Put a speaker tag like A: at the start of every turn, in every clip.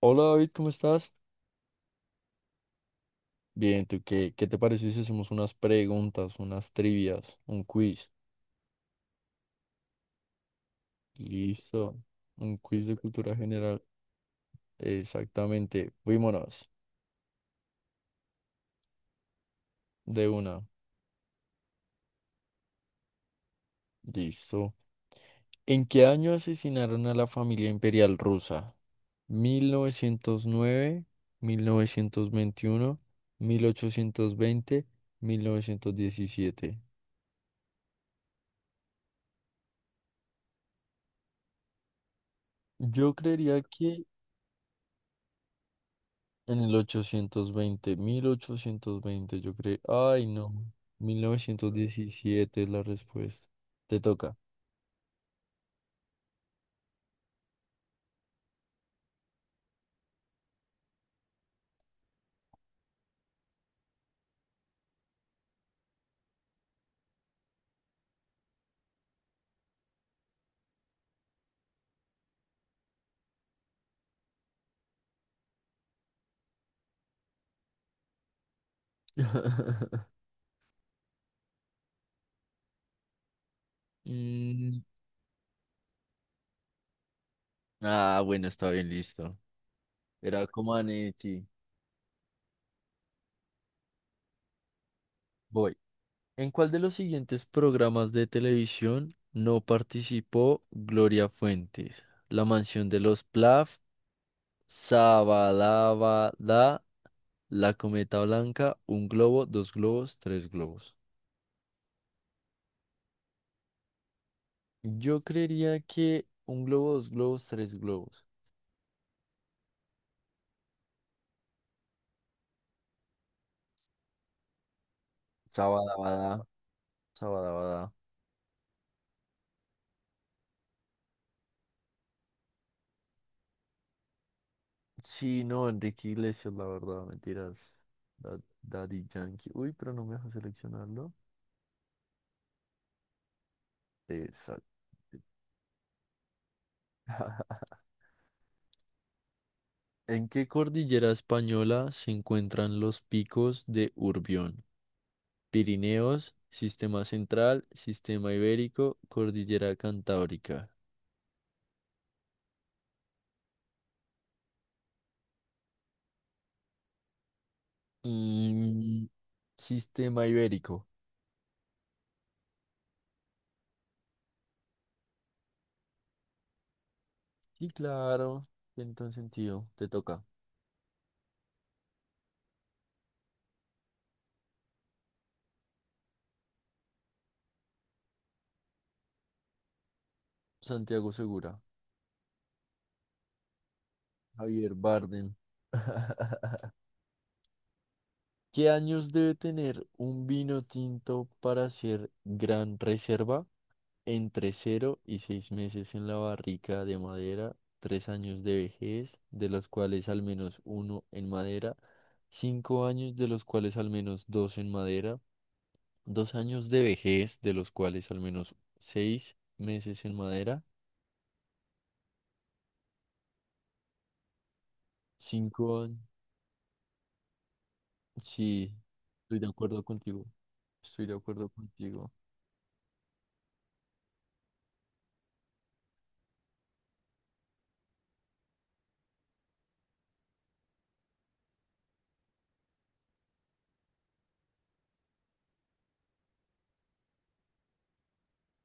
A: Hola David, ¿cómo estás? Bien, ¿tú qué te parece si hacemos unas preguntas, unas trivias, un quiz? Listo, un quiz de cultura general. Exactamente, fuímonos de una. Listo. ¿En qué año asesinaron a la familia imperial rusa? Mil novecientos nueve, veintiuno, mil ochocientos veinte, mil novecientos diecisiete. Yo creería que en el 820, 1820, yo creo. Ay, no. 1917 es la respuesta. Te toca. Mm, ah, bueno, está bien, listo. Era Comaneci. Voy. ¿En cuál de los siguientes programas de televisión no participó Gloria Fuentes? La mansión de los Plath, Sabadabada, La Cometa Blanca, Un Globo, Dos Globos, Tres Globos. Yo creería que un globo, dos globos, tres globos. Sabadabada, sabadabada. Sí, no, Enrique Iglesias, la verdad, mentiras. Daddy Yankee. Uy, pero no me deja seleccionarlo. Exacto. ¿En qué cordillera española se encuentran los picos de Urbión? Pirineos, Sistema Central, Sistema Ibérico, Cordillera Cantábrica. Mm, Sistema Ibérico. Sí, claro, tiene todo el sentido. Te toca. Santiago Segura, Javier Bardem. ¿Qué años debe tener un vino tinto para ser gran reserva? Entre cero y 6 meses en la barrica de madera, 3 años de vejez, de los cuales al menos uno en madera, 5 años de los cuales al menos dos en madera, 2 años de vejez, de los cuales al menos 6 meses en madera, 5 años. Sí, estoy de acuerdo contigo. Estoy de acuerdo contigo.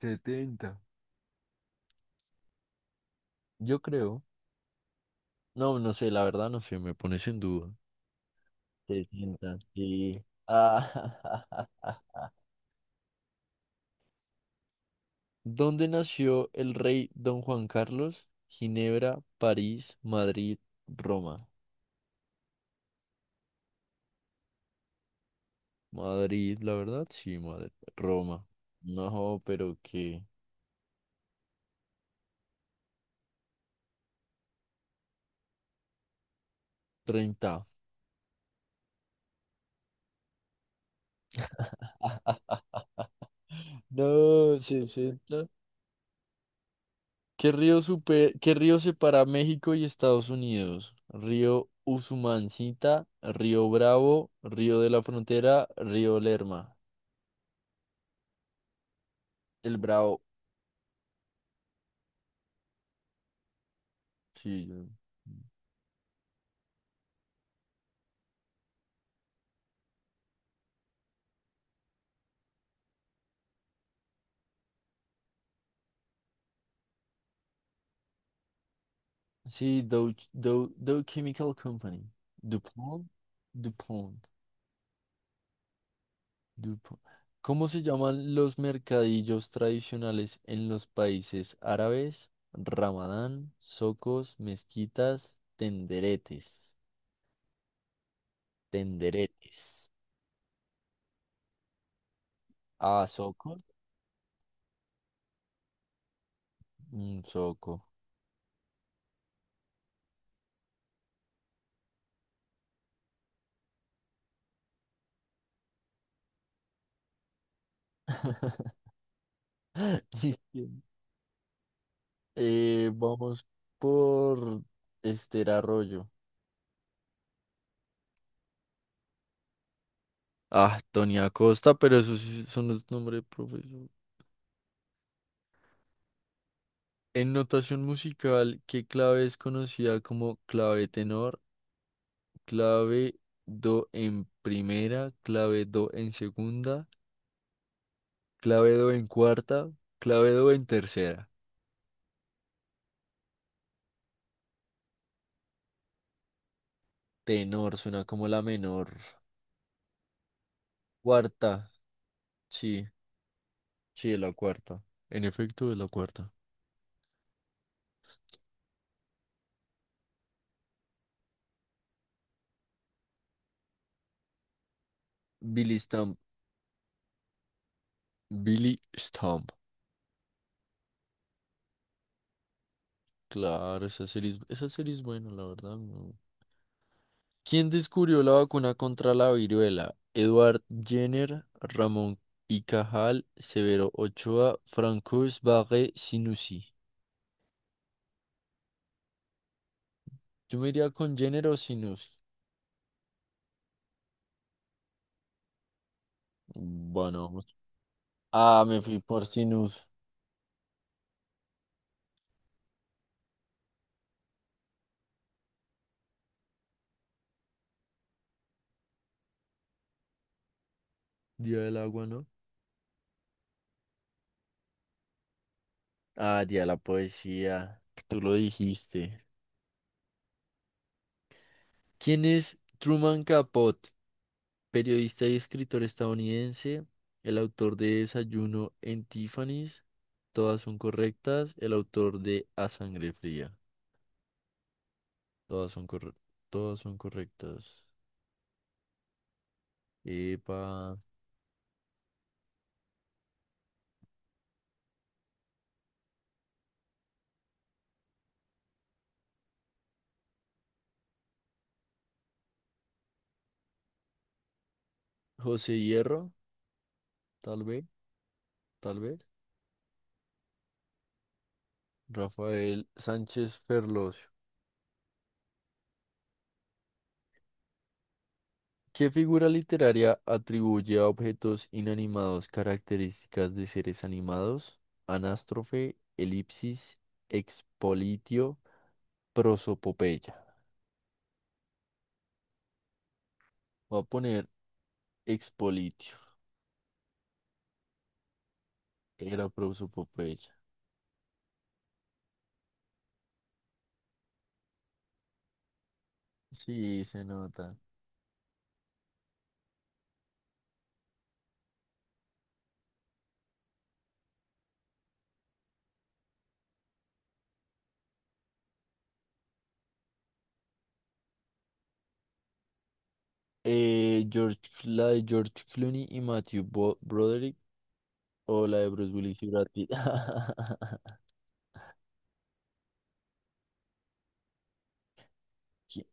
A: 70. Yo creo. No, no sé, la verdad no sé, me pones en duda. Setenta. Sí. Ah, ¿Dónde nació el rey Don Juan Carlos? Ginebra, París, Madrid, Roma. Madrid, la verdad, sí, Madrid. Roma. No, pero qué. 30. No, 60. ¿Qué río, qué río separa a México y Estados Unidos? Río Usumancita, Río Bravo, Río de la Frontera, Río Lerma. El Bravo. Sí, sí, Dow, Dow Chemical Company. DuPont, DuPont, DuPont. ¿Cómo se llaman los mercadillos tradicionales en los países árabes? Ramadán, socos, mezquitas, tenderetes. Tenderetes. Ah, un soco. Diciendo, eh, vamos por Esther Arroyo. Ah, Tony Acosta, pero esos sí son los nombres de profesor. En notación musical, ¿qué clave es conocida como clave tenor, clave do en primera, clave do en segunda, clave do en cuarta, clave do en tercera? Tenor suena como la menor. Cuarta, sí, sí, es la cuarta. En efecto, es la cuarta. Billy Billy Stump. Claro, esa serie es buena, la verdad. No. ¿Quién descubrió la vacuna contra la viruela? Edward Jenner, Ramón y Cajal, Severo Ochoa, Francois Barré, Sinussi. Yo me iría con Jenner o Sinussi. Bueno, vamos. Ah, me fui por Sinus. Día del agua, ¿no? Ah, día de la poesía. Tú lo dijiste. ¿Quién es Truman Capote? Periodista y escritor estadounidense, el autor de Desayuno en Tiffany's, todas son correctas. El autor de A Sangre Fría, todas son corre- todas son correctas. Epa, José Hierro, tal vez, tal vez. Rafael Sánchez Ferlosio. ¿Qué figura literaria atribuye a objetos inanimados características de seres animados? Anástrofe, elipsis, expolitio, prosopopeya. Voy a poner expolitio. Era prosopopeya. Sí, se nota. George, la de George Clooney y Matthew Broderick o la de Bruce Willis y Brad Pitt. ¿Qui-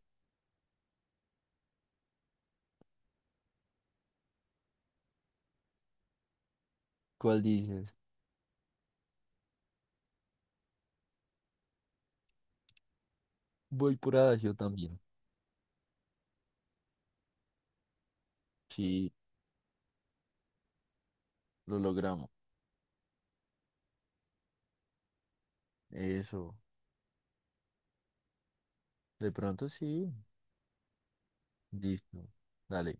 A: ¿Cuál dices? Voy por Adagio también. Sí, lo logramos. Eso. De pronto sí. Listo. Dale.